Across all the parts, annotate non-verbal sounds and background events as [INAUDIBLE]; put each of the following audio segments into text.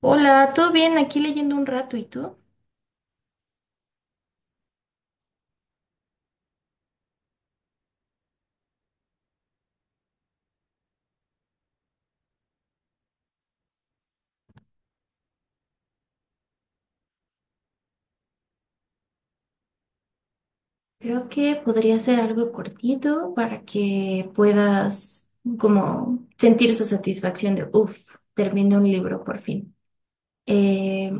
Hola, ¿todo bien? Aquí leyendo un rato, ¿y tú? Creo que podría ser algo cortito para que puedas como sentir esa satisfacción de, uff, terminé un libro por fin. Eh,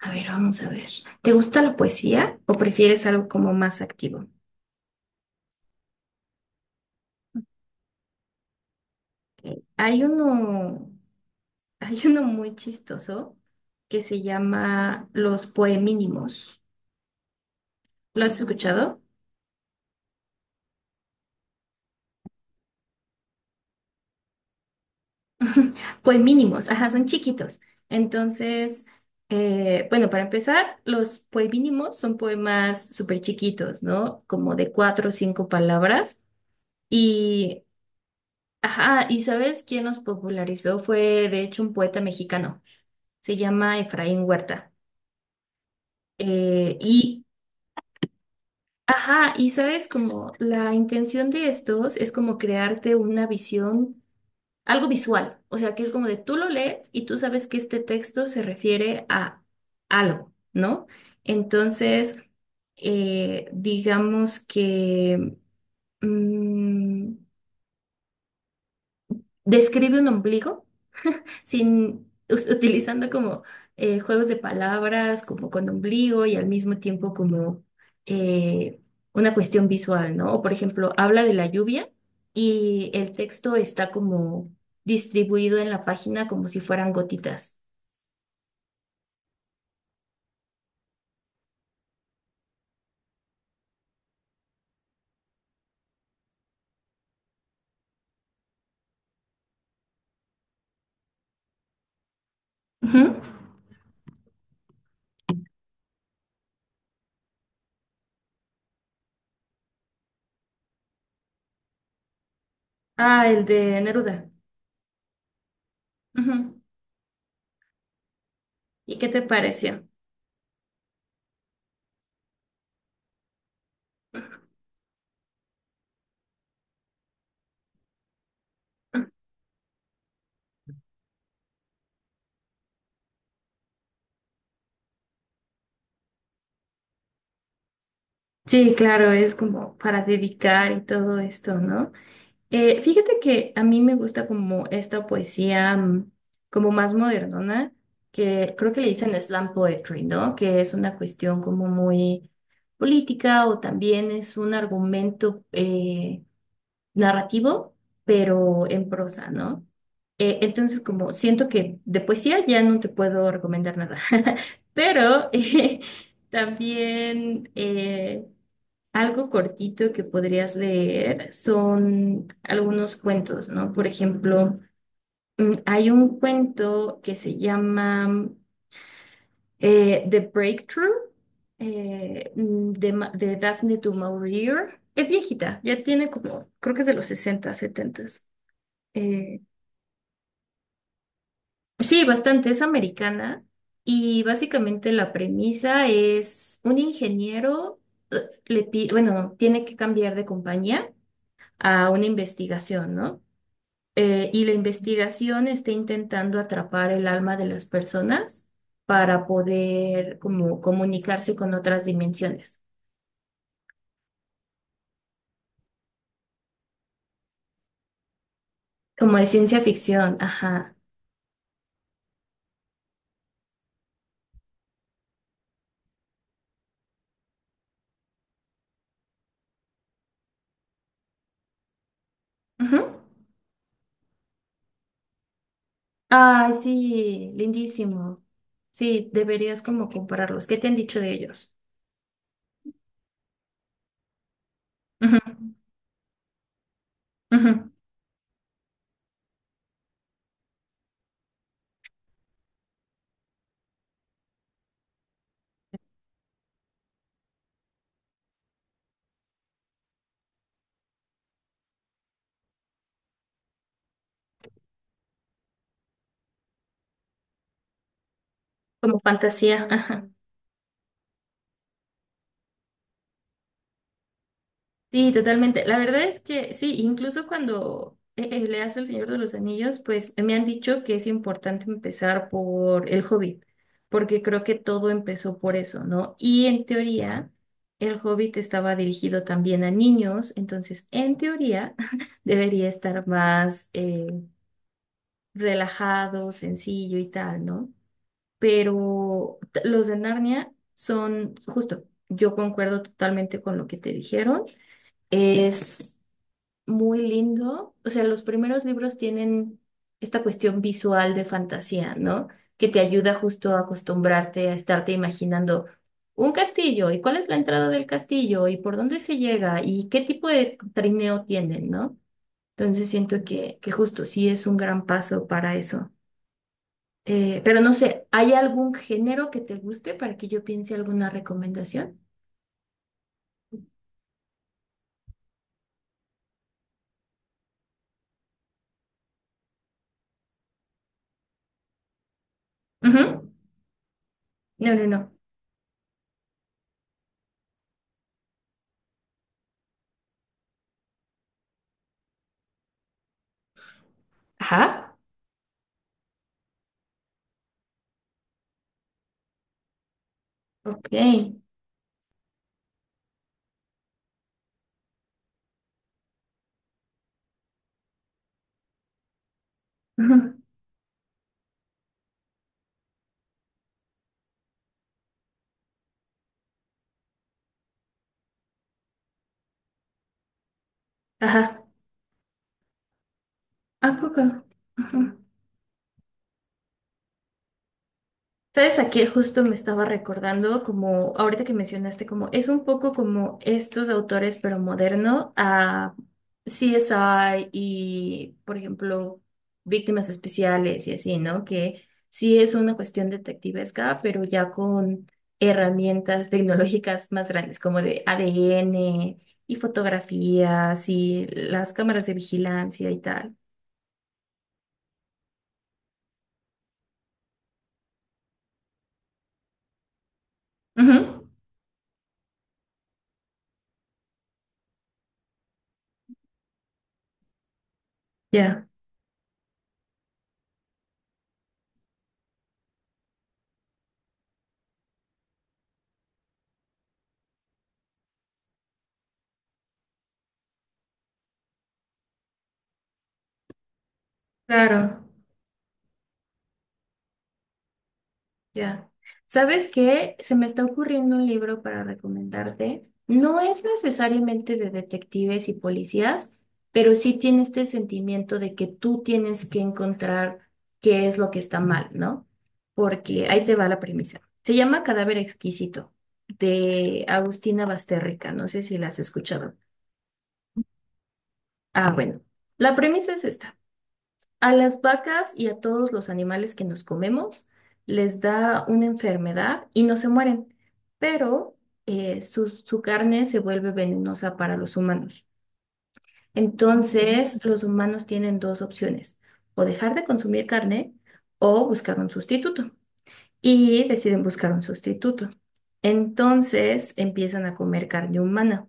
a ver, vamos a ver. ¿Te gusta la poesía o prefieres algo como más activo? Hay uno, [LAUGHS] hay uno muy chistoso que se llama Los Poemínimos. ¿Lo has escuchado? [LAUGHS] Ujú. Pues mínimos, ajá, son chiquitos. Entonces, bueno, para empezar, los pues mínimos son poemas súper chiquitos, ¿no? Como de cuatro o cinco palabras. Y ajá, ¿y sabes quién nos popularizó? Fue, de hecho, un poeta mexicano. Se llama Efraín Huerta. Eh, y, ajá, y sabes, como la intención de estos es como crearte una visión, algo visual, o sea, que es como de tú lo lees y tú sabes que este texto se refiere a algo, ¿no? Entonces, digamos que mm, describe un ombligo, sin us- utilizando como juegos de palabras, como con ombligo y al mismo tiempo como eh, una cuestión visual, ¿no? O, por ejemplo, habla de la lluvia y el texto está como distribuido en la página como si fueran gotitas. Ujú. Ah, el de Neruda. Ujú. ¿Y qué te pareció? Sí, claro, es como para dedicar y todo esto, ¿no? Fíjate que a mí me gusta como esta poesía, como más modernona, que creo que le dicen slam poetry, ¿no? Que es una cuestión como muy política, o también es un argumento narrativo, pero en prosa, ¿no? Entonces como siento que de poesía ya no te puedo recomendar nada, [LAUGHS] pero también... algo cortito que podrías leer son algunos cuentos, ¿no? Por ejemplo, hay un cuento que se llama The Breakthrough, de Daphne du Maurier. Es viejita, ya tiene como, creo que es de los 60, 70. Eh, sí, bastante, es americana y básicamente la premisa es un ingeniero, eh, bueno, tiene que cambiar de compañía a una investigación, ¿no? Y la investigación está intentando atrapar el alma de las personas para poder como comunicarse con otras dimensiones, como de ciencia ficción, ajá. Ujú. Ay, sí, lindísimo. Sí, deberías como compararlos. ¿Qué te han dicho de ellos? Ujú, ujú. Como fantasía, ajá. Sí, totalmente. La verdad es que sí, incluso cuando leas El Señor de los Anillos, pues me han dicho que es importante empezar por El Hobbit, porque creo que todo empezó por eso, ¿no? Y en teoría, El Hobbit estaba dirigido también a niños, entonces en teoría [LAUGHS] debería estar más relajado, sencillo y tal, ¿no? Los de Narnia son, justo, yo concuerdo totalmente con lo que te dijeron. Es muy lindo. O sea, los primeros libros tienen esta cuestión visual de fantasía, ¿no? Que te ayuda justo a acostumbrarte a estarte imaginando un castillo y cuál es la entrada del castillo y por dónde se llega y qué tipo de trineo tienen, ¿no? Entonces siento que justo sí es un gran paso para eso. Pero no sé, ¿hay algún género que te guste para que yo piense alguna recomendación? Ujú. No, no, no. Ajá. Ok. [LAUGHS] Ujú. Ajá. ¿A poco? Ajá. ¿Sabes? Aquí justo me estaba recordando, como ahorita que mencionaste, como es un poco como estos autores, pero moderno, a CSI y, por ejemplo, víctimas especiales y así, ¿no? Que sí es una cuestión detectivesca, pero ya con herramientas tecnológicas más grandes, como de ADN y fotografías y las cámaras de vigilancia y tal. Ujú. Ya, claro. Ya. ¿Sabes qué? Se me está ocurriendo un libro para recomendarte. No es necesariamente de detectives y policías, pero sí tiene este sentimiento de que tú tienes que encontrar qué es lo que está mal, ¿no? Porque ahí te va la premisa. Se llama Cadáver Exquisito, de Agustina Basterrica. No sé si la has escuchado. Ah, bueno. La premisa es esta. A las vacas y a todos los animales que nos comemos les da una enfermedad y no se mueren, pero su carne se vuelve venenosa para los humanos. Entonces, los humanos tienen dos opciones, o dejar de consumir carne o buscar un sustituto. Y deciden buscar un sustituto. Entonces, empiezan a comer carne humana,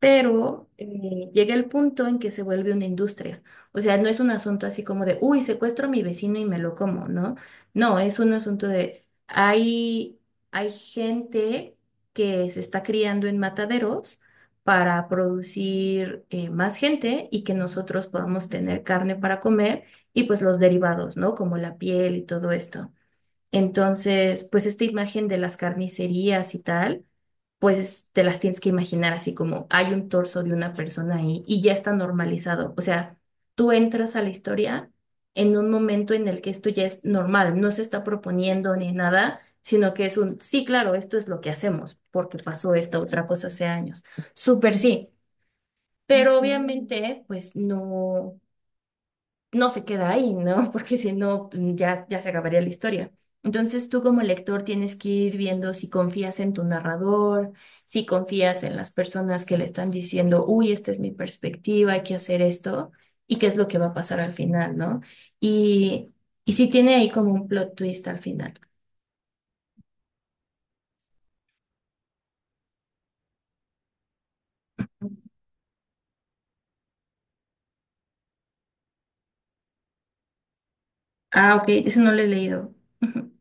pero llega el punto en que se vuelve una industria. O sea, no es un asunto así como de, uy, secuestro a mi vecino y me lo como, ¿no? No, es un asunto de, hay gente que se está criando en mataderos para producir más gente y que nosotros podamos tener carne para comer, y pues los derivados, ¿no? Como la piel y todo esto. Entonces, pues esta imagen de las carnicerías y tal, pues te las tienes que imaginar así como hay un torso de una persona ahí y ya está normalizado. O sea, tú entras a la historia en un momento en el que esto ya es normal, no se está proponiendo ni nada, sino que es un, sí, claro, esto es lo que hacemos porque pasó esta otra cosa hace años. Súper sí, pero obviamente, pues no se queda ahí, ¿no? [LAUGHS] Porque si no, ya se acabaría la historia. Entonces tú como lector tienes que ir viendo si confías en tu narrador, si confías en las personas que le están diciendo, uy, esta es mi perspectiva, hay que hacer esto, y qué es lo que va a pasar al final, ¿no? Y, y si tiene ahí como un plot twist al final. Ah, ok, eso no lo he leído. Ujú.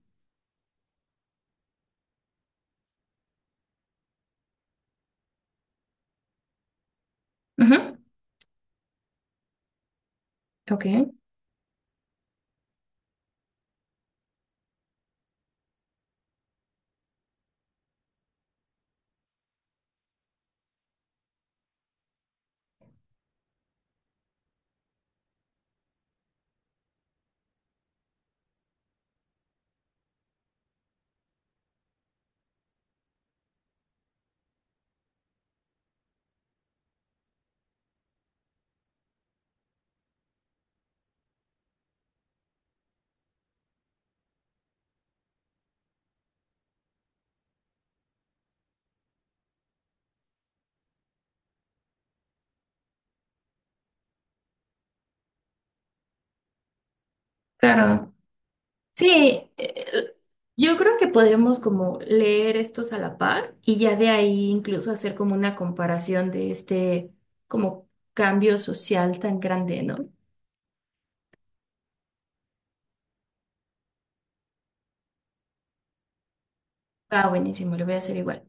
Ujú. Ok, claro. Sí, yo creo que podemos como leer estos a la par y ya de ahí incluso hacer como una comparación de este como cambio social tan grande, ¿no? Ah, buenísimo, lo voy a hacer igual.